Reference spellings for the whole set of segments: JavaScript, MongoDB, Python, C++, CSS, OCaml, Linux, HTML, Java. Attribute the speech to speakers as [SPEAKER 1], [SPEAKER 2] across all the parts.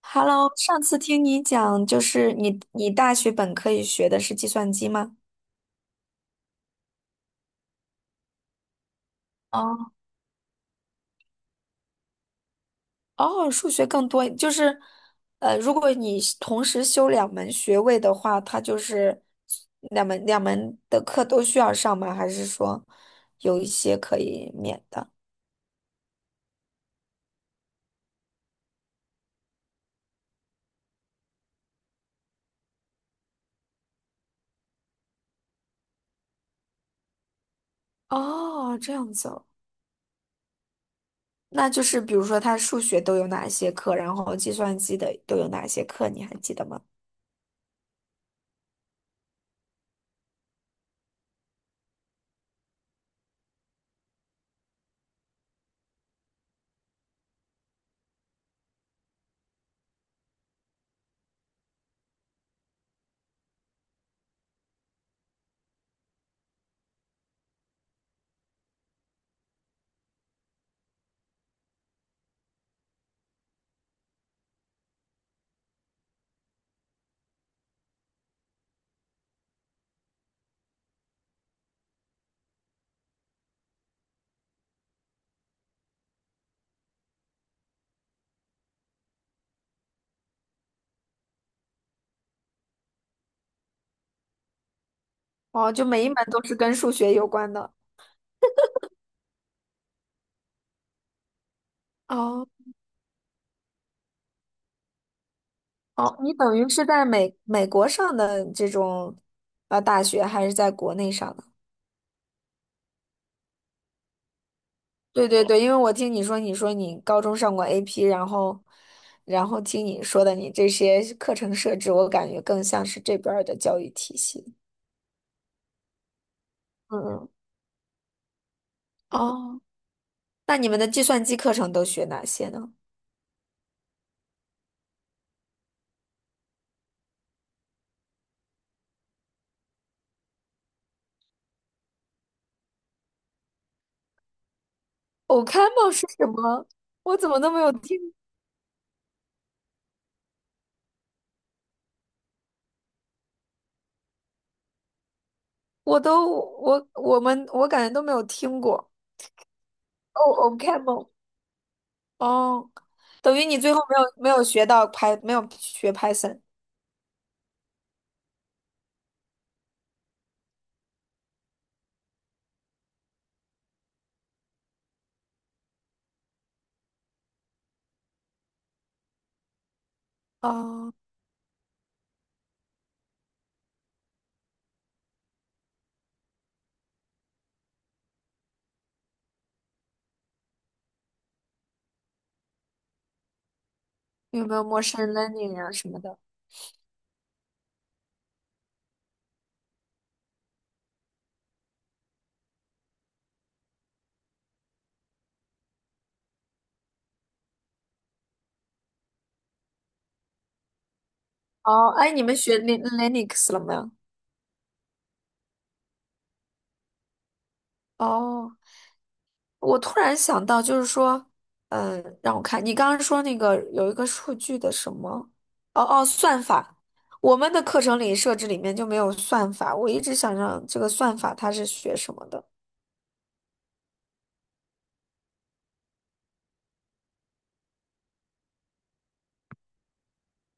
[SPEAKER 1] Hello，上次听你讲，就是你大学本科也学的是计算机吗？哦哦，数学更多，就是如果你是同时修两门学位的话，它就是两门的课都需要上吗？还是说有一些可以免的？哦，这样子哦。那就是比如说它数学都有哪些课，然后计算机的都有哪些课，你还记得吗？哦，就每一门都是跟数学有关的。哦。哦，你等于是在美国上的这种大学，还是在国内上的？对对对，因为我听你说，你说你高中上过 AP，然后听你说的你这些课程设置，我感觉更像是这边儿的教育体系。嗯嗯。哦，那你们的计算机课程都学哪些呢？OCaml 是什么？我怎么都没有听，我都我我们我感觉都没有听过。哦，OCaml，哦。等于你最后没有学到 Py，没有学 Python 啊？有没有 m a c h i n learning 啊什么的？哦，哎，你们学 Lin- u x 了没有？哦，我突然想到，就是说，嗯，让我看，你刚刚说那个有一个数据的什么？哦哦，算法。我们的课程里设置里面就没有算法，我一直想让这个算法它是学什么的？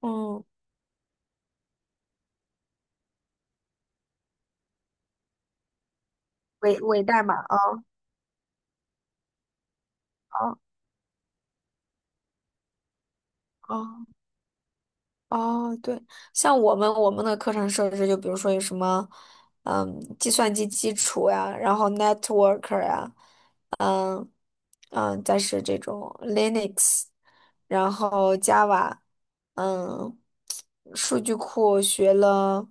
[SPEAKER 1] 嗯，伪代码啊。啊啊！哦哦哦，对，像我们的课程设置，就比如说有什么，嗯，计算机基础呀，然后 network 呀，嗯嗯，再是这种 Linux，然后 Java，嗯，数据库学了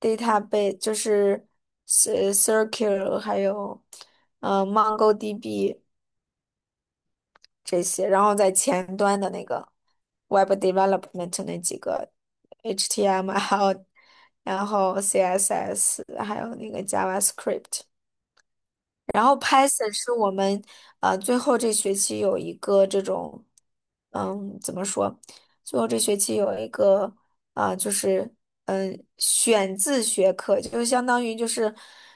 [SPEAKER 1] database，就是 cir r c l e 还有嗯 MongoDB 这些，然后在前端的那个。Web Development 那几个 HTML，然后 CSS，还有那个 JavaScript。然后 Python 是我们最后这学期有一个这种，嗯，怎么说？最后这学期有一个啊、就是选自学课，就相当于就是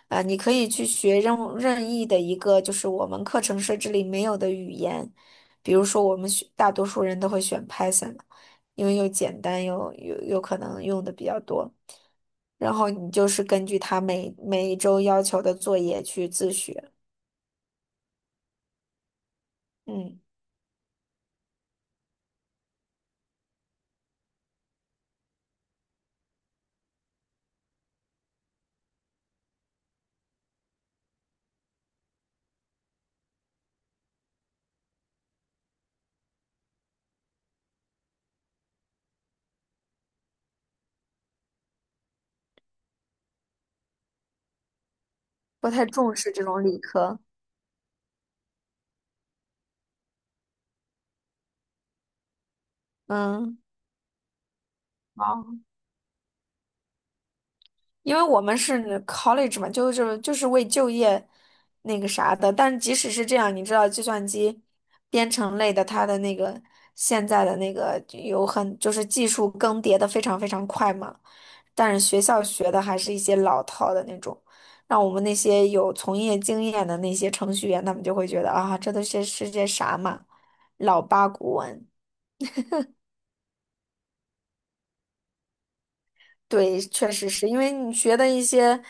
[SPEAKER 1] 你可以去学任意的一个就是我们课程设置里没有的语言，比如说我们选大多数人都会选 Python，因为又简单又又可能用的比较多，然后你就是根据他每一周要求的作业去自学。嗯。不太重视这种理科。嗯，哦，因为我们是 college 嘛，就是为就业那个啥的。但即使是这样，你知道计算机编程类的，它的那个现在的那个有很就是技术更迭的非常快嘛。但是学校学的还是一些老套的那种，让我们那些有从业经验的那些程序员，他们就会觉得啊，这都是是些啥嘛，老八股文。对，确实是因为你学的一些，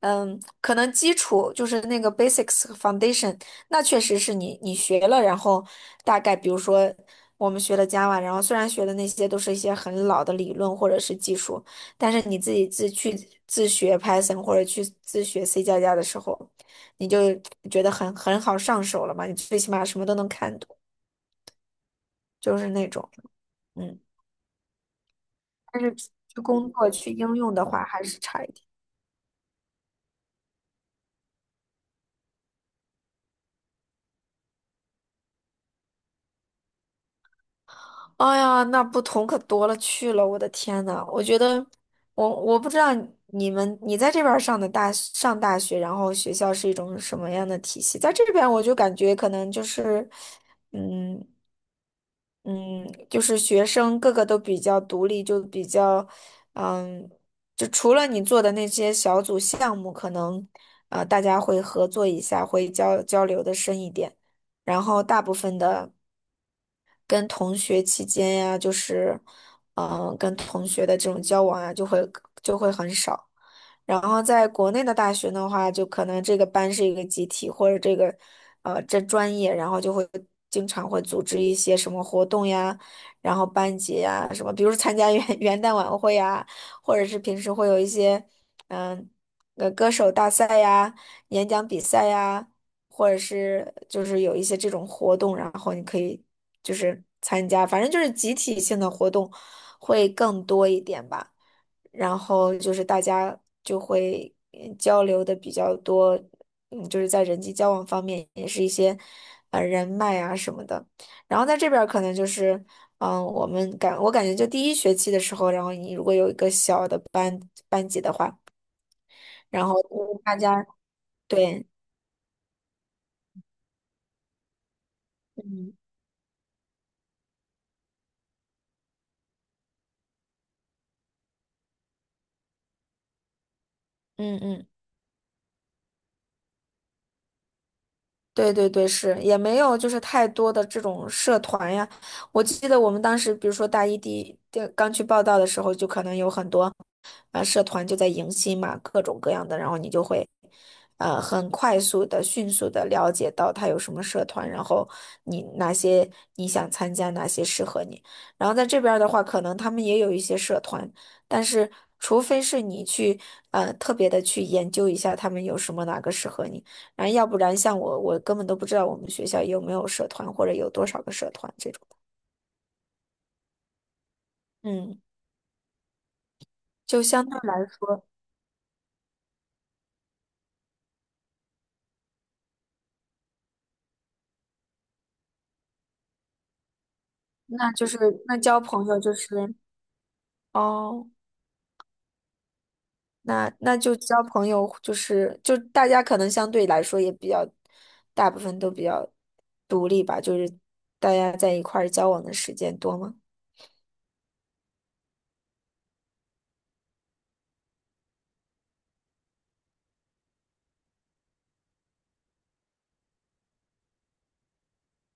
[SPEAKER 1] 嗯，可能基础就是那个 basics 和 foundation，那确实是你学了，然后大概比如说我们学了 Java，然后虽然学的那些都是一些很老的理论或者是技术，但是你自己自学 Python 或者去自学 C 加加的时候，你就觉得很好上手了嘛，你最起码什么都能看懂，就是那种，嗯，但是去工作去应用的话还是差一点。哎呀，那不同可多了去了，我的天呐，我觉得，我不知道你在这边儿上大学，然后学校是一种什么样的体系？在这边我就感觉可能就是，嗯嗯，就是学生个个都比较独立，就比较，嗯，就除了你做的那些小组项目，可能大家会合作一下，会交流的深一点。然后大部分的跟同学期间呀，就是，嗯、跟同学的这种交往啊，就会很少。然后在国内的大学的话，就可能这个班是一个集体，或者这个，这专业，然后就会经常会组织一些什么活动呀，然后班级呀什么，比如参加元 元旦晚会呀，或者是平时会有一些，嗯、歌手大赛呀、演讲比赛呀，或者是就是有一些这种活动，然后你可以就是参加，反正就是集体性的活动会更多一点吧。然后就是大家就会交流的比较多，嗯，就是在人际交往方面也是一些人脉啊什么的。然后在这边儿可能就是，嗯、我感觉就第一学期的时候，然后你如果有一个小的班级的话，然后大家对。嗯嗯嗯。对对对，是也没有就是太多的这种社团呀。我记得我们当时，比如说大一第一第刚去报道的时候，就可能有很多。啊，社团就在迎新嘛，各种各样的，然后你就会很快速的、迅速的了解到他有什么社团，然后你哪些你想参加，哪些适合你。然后在这边儿的话，可能他们也有一些社团，但是除非是你去特别的去研究一下他们有什么哪个适合你，然后要不然像我，我根本都不知道我们学校有没有社团或者有多少个社团这种。嗯，就相对来说，那就是那交朋友就是哦。那就交朋友，就是就大家可能相对来说也比较，大部分都比较独立吧，就是大家在一块儿交往的时间多吗？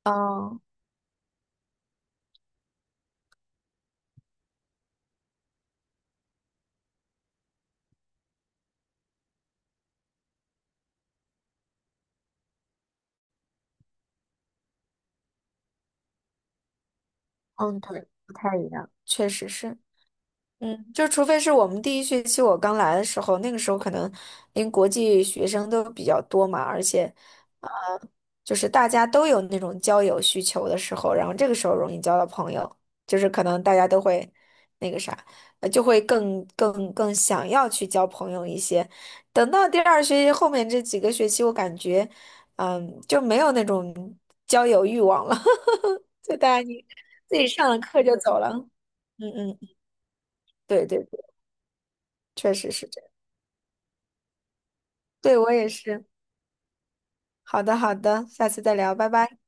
[SPEAKER 1] 嗯嗯，对，不太一样，确实是。嗯，就除非是我们第一学期我刚来的时候，那个时候可能因为国际学生都比较多嘛，而且，呃，就是大家都有那种交友需求的时候，然后这个时候容易交到朋友，就是可能大家都会那个啥，就会更想要去交朋友一些。等到第二学期后面这几个学期，我感觉，嗯，就没有那种交友欲望了，就大家你自己上了课就走了。嗯嗯，嗯对对。确实是这样。对，我也是。好的，好的，下次再聊，拜拜。